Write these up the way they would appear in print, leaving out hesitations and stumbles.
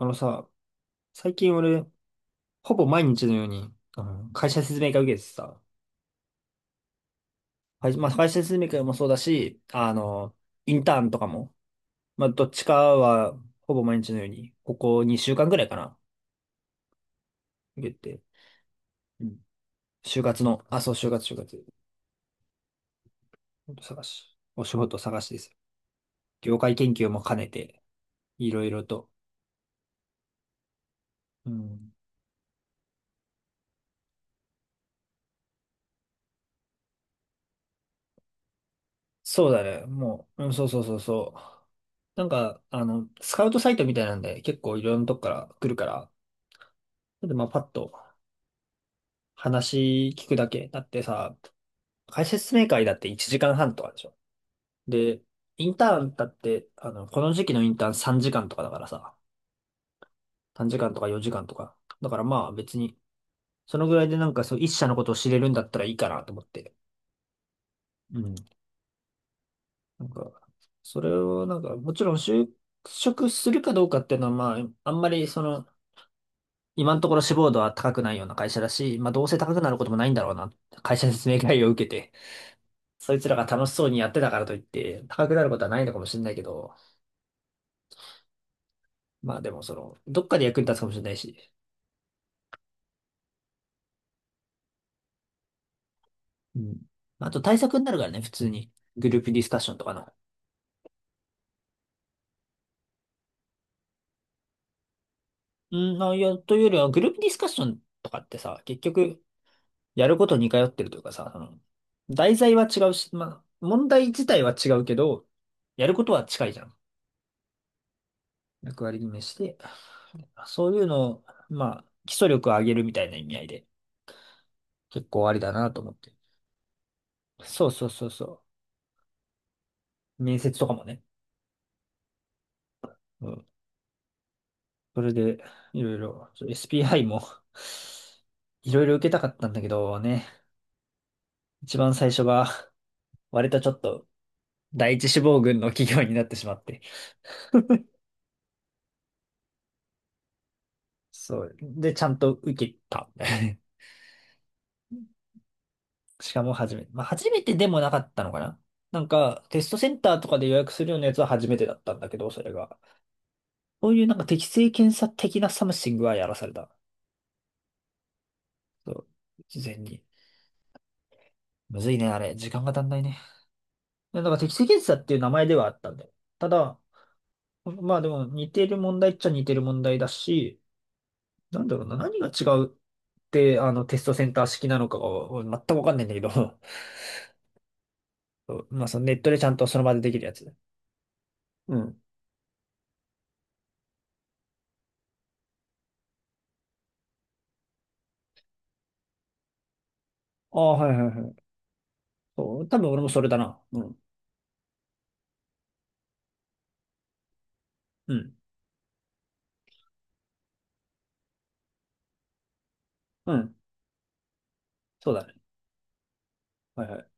あのさ、最近俺、ほぼ毎日のように、会社説明会受けてさ、会まあ、会社説明会もそうだし、インターンとかも、まあ、どっちかは、ほぼ毎日のように、ここ2週間ぐらいかな、受けて、うん。就活の、あ、そう、就活、就活、探し、お仕事探しですよ。業界研究も兼ねて、いろいろと。うん、そうだね、もう、うん、そうそうそうそう。スカウトサイトみたいなんで、結構いろんなとこから来るから、で、まあ、パッと話聞くだけ。だってさ、解説明会だって1時間半とかでしょ。で、インターンだって、この時期のインターン3時間とかだからさ、3時間とか4時間とか。だからまあ別に、そのぐらいでなんかそう、一社のことを知れるんだったらいいかなと思って。うん。なんか、それをなんか、もちろん就職するかどうかっていうのはまあ、あんまりその、今のところ志望度は高くないような会社だし、まあどうせ高くなることもないんだろうな。会社説明会を受けて。そいつらが楽しそうにやってたからといって、高くなることはないのかもしれないけど、まあでもその、どっかで役に立つかもしれないし、うん。まあと対策になるからね、普通に。グループディスカッションとかの。うん、まあ、いや、というよりは、グループディスカッションとかってさ、結局、やること似通ってるというかさ、その、題材は違うし、まあ、問題自体は違うけど、やることは近いじゃん。役割決めして、そういうのを、まあ、基礎力を上げるみたいな意味合いで、結構ありだなと思って。そうそうそうそう。面接とかもね。うん。それで、いろいろ、SPI も いろいろ受けたかったんだけどね、一番最初が、割とちょっと、第一志望群の企業になってしまって。そう。で、ちゃんと受けた。しかも初めて。まあ、初めてでもなかったのかな。なんか、テストセンターとかで予約するようなやつは初めてだったんだけど、それが。そういうなんか適性検査的なサムシングはやらされた。そう。事前に。むずいね、あれ。時間が足んないね。や、だから適正検査っていう名前ではあったんだよ。ただ、まあでも似てる問題っちゃ似てる問題だし、なんだろうな、何が違うって、あの、テストセンター式なのかがお全くわかんないんだけど、そう、まあそのネットでちゃんとその場でできるやつ。うん。ああ、はいはいはい。そう、多分俺もそれだな。うん。うん。うん。そうだね。はいはい。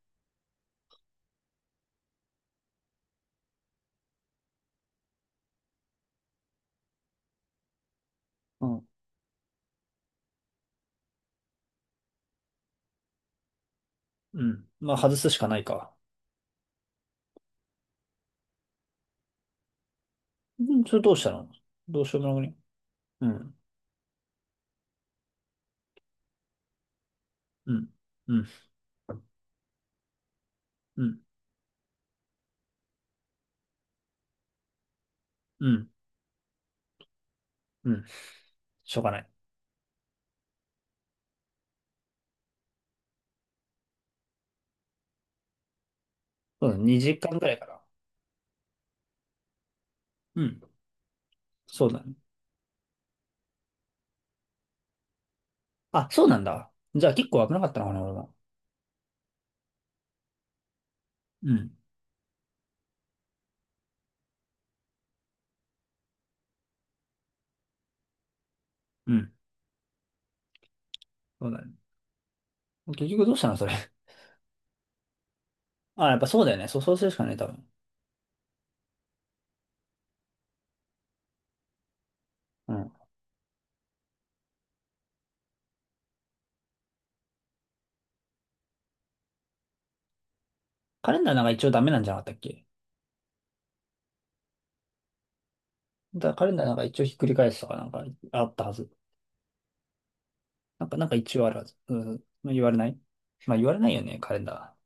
うん。うん。まあ外すしかないか。うん、それどうしたの。どうしようもなくね。うん。うん。うん。うん。うん。うん。しょうがない。そうだね、2時間くらいかな。うん。そうだね。あ、そうなんだ。じゃあ結構危なかったのかな、俺も。うん。うん。そうだね。結局どうしたの、それ。あ、やっぱそうだよね。そう、そうするしかない、多分。うん。カレンダーなんか一応ダメなんじゃなかったっけ。だからカレンダーなんか一応ひっくり返すとかなんかあったはず。なんか、なんか一応あるはず。うん。まあ、言われない。まあ言われないよね、カレンダ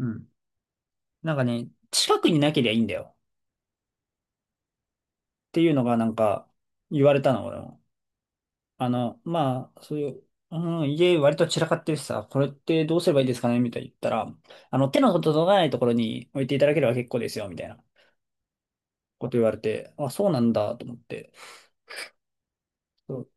ー。うん。なんかね、近くになけりゃいいんだよ。っていうのがなんか言われたの、俺も。まあ、そういう、うん、家割と散らかってるしさ、これってどうすればいいですかねみたいに言ったら、手の届かないところに置いていただければ結構ですよ、みたいなこと言われて、あ、そうなんだと思って。そう、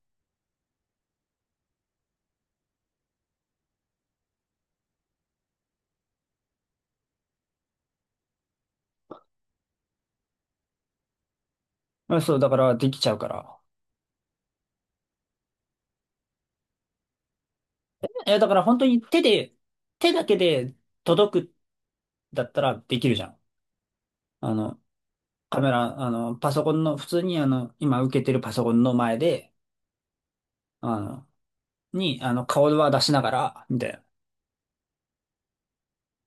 うんそう、だからできちゃうから。え、だから本当に手だけで届くだったらできるじゃん。あの、カメラ、あの、パソコンの、普通に今受けてるパソコンの前で、あの、に、あの、顔は出しながら、みたいな。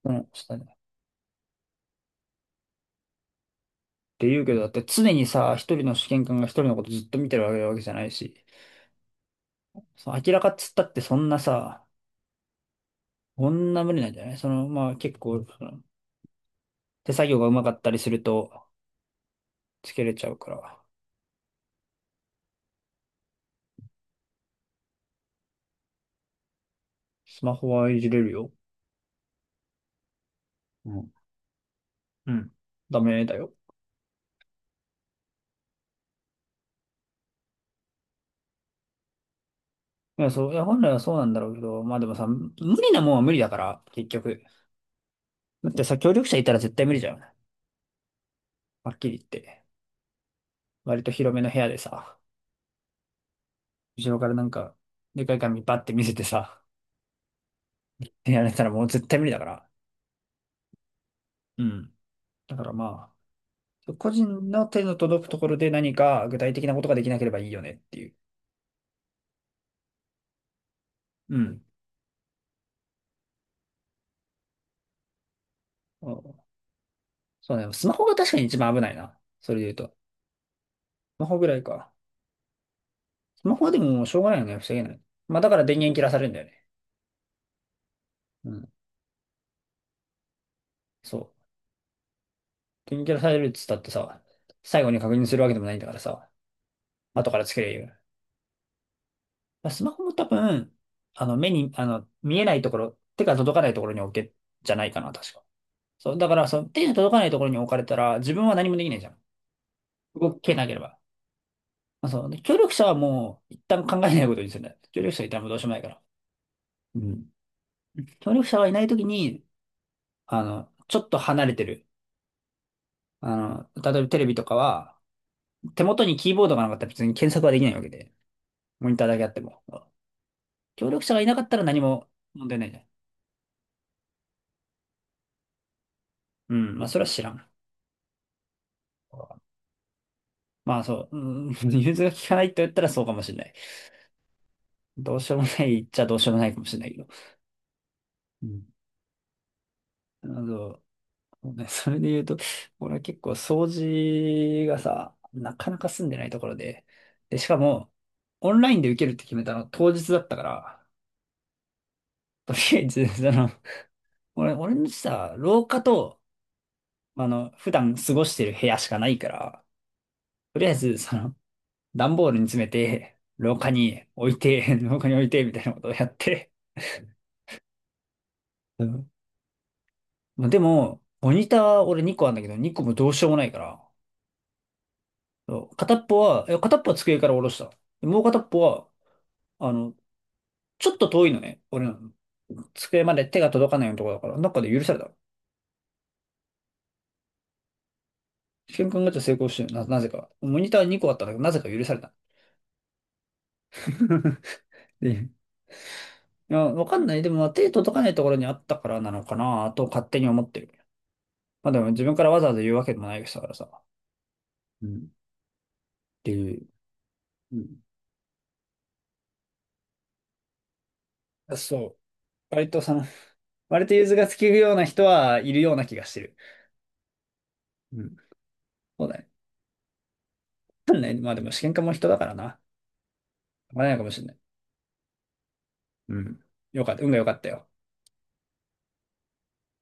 うん、って言うけど、だって常にさ、一人の試験官が一人のことずっと見てるわけじゃないし、その明らかっつったってそんなさ、こんな無理なんじゃないその、まあ結構、その手作業がうまかったりすると、つけれちゃうから、スマホはいじれるよ。うん。うん。ダメだよ。いや、そう、いや、本来はそうなんだろうけど、まあでもさ、無理なもんは無理だから、結局。だってさ、協力者いたら絶対無理じゃん。はっきり言って。割と広めの部屋でさ、後ろからなんか、でかい紙バッて見せてさ、やられたらもう絶対無理だから。うん。だからまあ、個人の手の届くところで何か具体的なことができなければいいよねっていう。うん。お、そうね。スマホが確かに一番危ないな。それで言うと。スマホぐらいか。スマホはでももうしょうがないよね。防げない。まあだから電源切らされるんだよね。うん。そう。電源切らされるっつったってさ、最後に確認するわけでもないんだからさ、後からつけれるよ。まあスマホも多分、あの目に、あの、見えないところ、手が届かないところに置け、じゃないかな、確か。そう。だから、その手が届かないところに置かれたら、自分は何もできないじゃん。動けなければ。まあ、そう。ね。協力者はもう一旦考えないことにするんだよ。協力者いたらもうどうしようもないから。うん。協力者がいないときに、ちょっと離れてる。例えばテレビとかは、手元にキーボードがなかったら別に検索はできないわけで、モニターだけあっても。協力者がいなかったら何も問題ないじゃん。うん。まあ、それは知らん。まあ、そう。うん。融通が効かないと言ったらそうかもしれない。どうしようもないっちゃどうしようもないかもしれないけど。うん。あのそうね、それで言うと、俺は結構掃除がさ、なかなか済んでないところで、で、しかも、オンラインで受けるって決めたの当日だったから、とりあえず、その、俺のさ、廊下と、普段過ごしてる部屋しかないから、とりあえず、その、段ボールに詰めて、廊下に置いて、廊下に置いて、みたいなことをやって、うん。まあ、でも、モニター俺2個あるんだけど、2個もどうしようもないから、そう片っぽは、いや片っぽは机から下ろした。でもう片っぽは、あの、ちょっと遠いのね、俺らの。机まで手が届かないようなところだから、どかで許された。試験管ガチャ成功してるな、なぜか。モニター2個あったんだけど、なぜか許された。で、いや、わかんない。でも、まあ手届かないところにあったからなのかなと勝手に思ってる。まあでも、自分からわざわざ言うわけでもない人だからさ。うん。っていう。うん。そう。割とその、割と融通が利くような人はいるような気がしてる。うん。そうだね。わかんない。まあでも、試験管も人だからな。わからないかもしれない。うん。よかった。運が良かったよ。